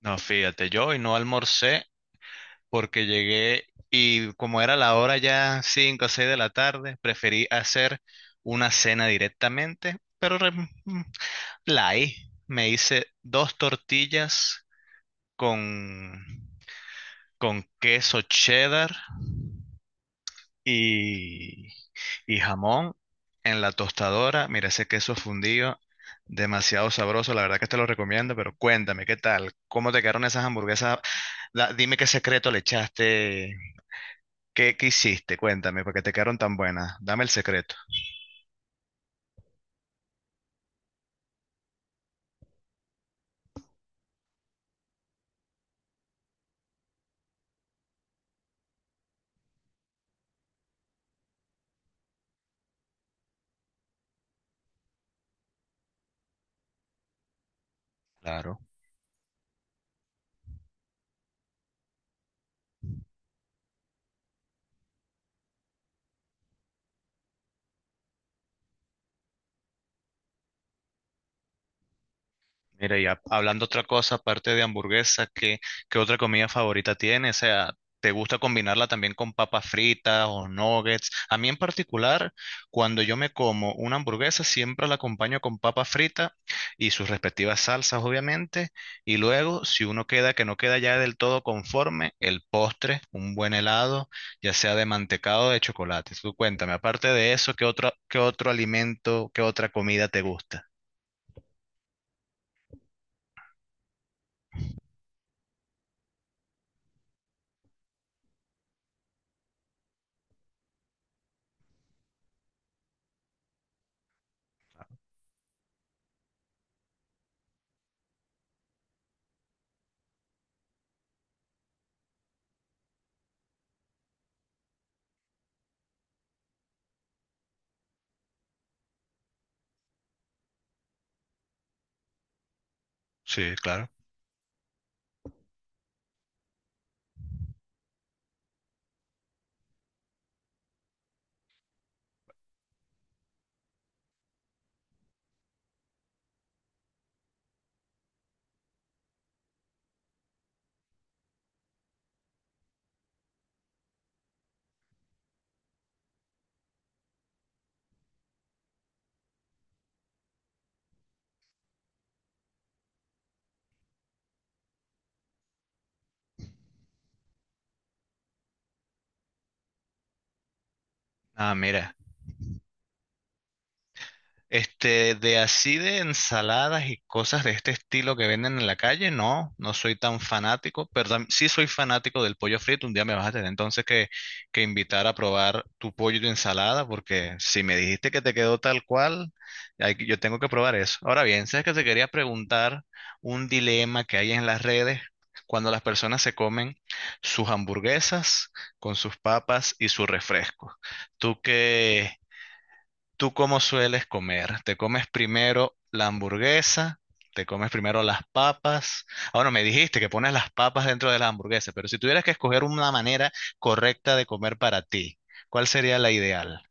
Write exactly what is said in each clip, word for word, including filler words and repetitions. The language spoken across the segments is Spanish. No, fíjate, yo hoy no almorcé porque llegué y como era la hora ya cinco o seis de la tarde, preferí hacer una cena directamente, pero re- mm, light. Me hice dos tortillas con, con queso cheddar y, y jamón en la tostadora. Mira ese queso fundido, demasiado sabroso. La verdad que te lo recomiendo, pero cuéntame, ¿qué tal? ¿Cómo te quedaron esas hamburguesas? Da- dime qué secreto le echaste, qué, qué hiciste, cuéntame, porque te quedaron tan buenas. Dame el secreto. Claro. Mira, ya hablando otra cosa, aparte de hamburguesa, ¿qué, qué otra comida favorita tienes? O sea, ¿te gusta combinarla también con papas fritas o nuggets? A mí en particular, cuando yo me como una hamburguesa, siempre la acompaño con papas fritas y sus respectivas salsas, obviamente. Y luego, si uno queda que no queda ya del todo conforme, el postre, un buen helado, ya sea de mantecado o de chocolate. Tú cuéntame, aparte de eso, ¿qué otro, qué otro alimento, qué otra comida te gusta? Sí, claro. Ah, mira, este, de así de ensaladas y cosas de este estilo que venden en la calle, no, no soy tan fanático, pero tam- sí soy fanático del pollo frito. Un día me vas a tener entonces que, que invitar a probar tu pollo y tu ensalada, porque si me dijiste que te quedó tal cual, hay que- yo tengo que probar eso. Ahora bien, sabes que te quería preguntar un dilema que hay en las redes cuando las personas se comen sus hamburguesas con sus papas y su refresco. ¿Tú qué? ¿Tú cómo sueles comer? ¿Te comes primero la hamburguesa? ¿Te comes primero las papas? Ahora me dijiste que pones las papas dentro de las hamburguesas, pero si tuvieras que escoger una manera correcta de comer para ti, ¿cuál sería la ideal?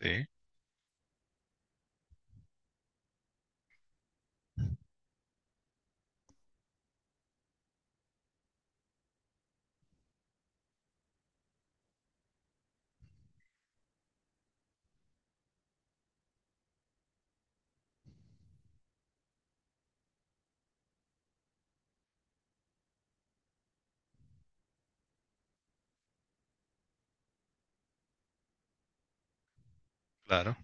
Sí, claro.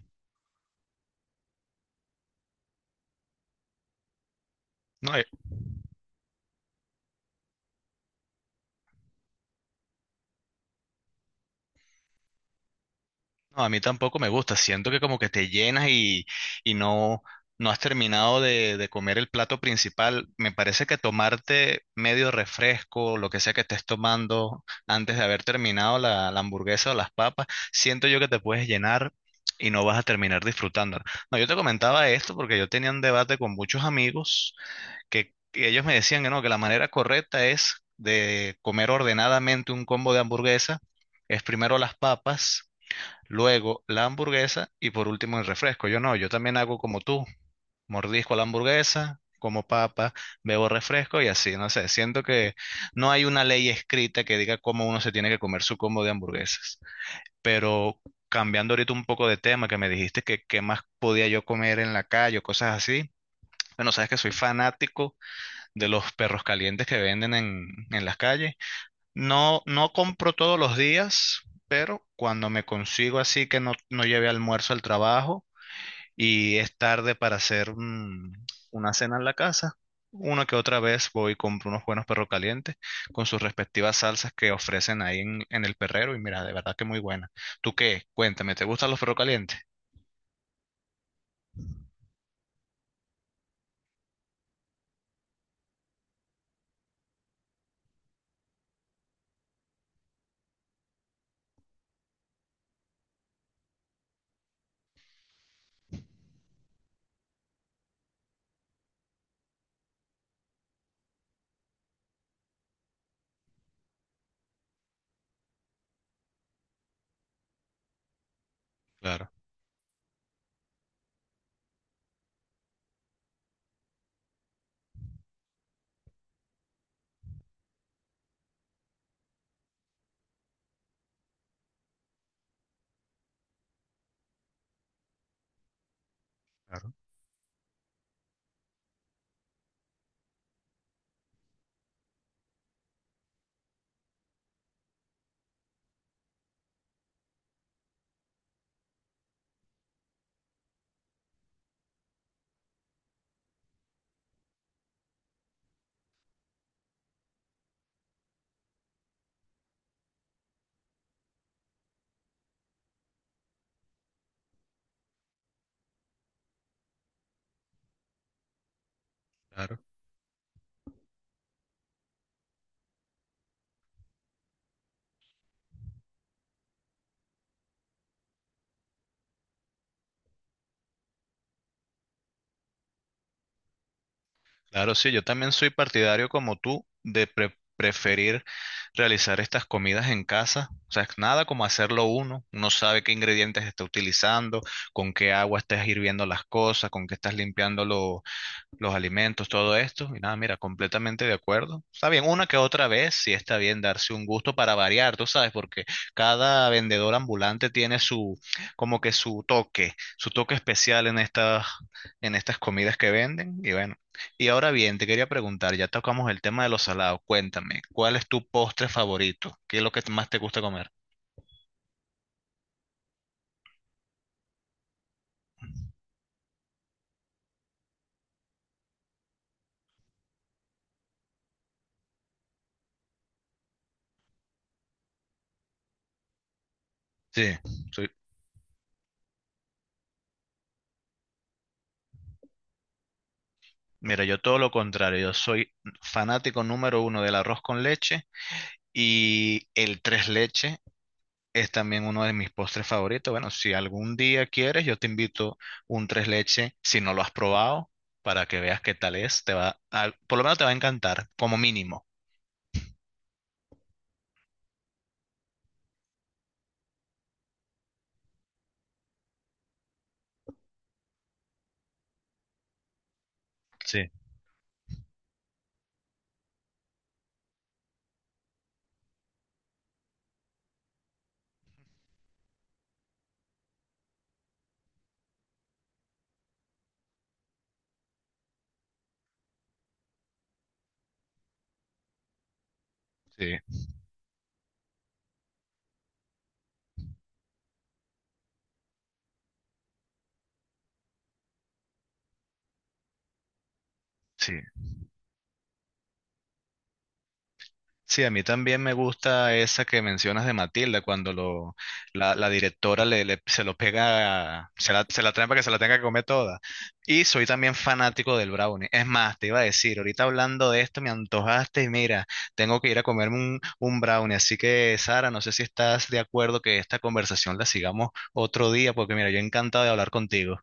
No, No, a mí tampoco me gusta. Siento que como que te llenas y, y no, no has terminado de, de comer el plato principal. Me parece que tomarte medio refresco, lo que sea que estés tomando antes de haber terminado la, la hamburguesa o las papas, siento yo que te puedes llenar y no vas a terminar disfrutándola. No, yo te comentaba esto porque yo tenía un debate con muchos amigos que, que ellos me decían que no, que la manera correcta es de comer ordenadamente un combo de hamburguesa, es primero las papas luego la hamburguesa y por último el refresco. Yo no, yo también hago como tú, mordisco la hamburguesa, como papa, bebo refresco y así, no sé, siento que no hay una ley escrita que diga cómo uno se tiene que comer su combo de hamburguesas, pero... Cambiando ahorita un poco de tema, que me dijiste que qué más podía yo comer en la calle o cosas así. Bueno, sabes que soy fanático de los perros calientes que venden en, en las calles. No, no compro todos los días, pero cuando me consigo así que no, no lleve almuerzo al trabajo y es tarde para hacer un- una cena en la casa, una que otra vez voy y compro unos buenos perros calientes con sus respectivas salsas que ofrecen ahí en, en el perrero y mira, de verdad que muy buena. ¿Tú qué? Cuéntame, ¿te gustan los perros calientes? Claro, claro, claro. Claro, sí, yo también soy partidario como tú de pre- preferir realizar estas comidas en casa. O sea, es nada como hacerlo uno. Uno sabe qué ingredientes está utilizando, con qué agua estás hirviendo las cosas, con qué estás limpiando los alimentos, todo esto. Y nada, mira, completamente de acuerdo. Está bien, una que otra vez, sí está bien darse un gusto para variar, tú sabes, porque cada vendedor ambulante tiene su, como que su toque, su toque especial en estas, en estas comidas que venden. Y bueno, y ahora bien, te quería preguntar, ya tocamos el tema de los salados. Cuéntame, ¿cuál es tu postre favorito? ¿Qué es lo que más te gusta comer? Sí, soy, mira, yo todo lo contrario, yo soy fanático número uno del arroz con leche y el tres leche. Es también uno de mis postres favoritos. Bueno, si algún día quieres, yo te invito un tres leche, si no lo has probado, para que veas qué tal es. Te va a- por lo menos te va a encantar, como mínimo. Sí, sí, sí. Sí, a mí también me gusta esa que mencionas de Matilda, cuando lo, la, la directora le, le- se lo pega, se la, se la trae para que se la tenga que comer toda. Y soy también fanático del brownie. Es más, te iba a decir, ahorita hablando de esto me antojaste y mira, tengo que ir a comerme un, un brownie. Así que, Sara, no sé si estás de acuerdo que esta conversación la sigamos otro día, porque mira, yo encantado de hablar contigo.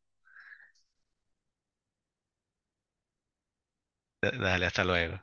Da- Dale, hasta luego.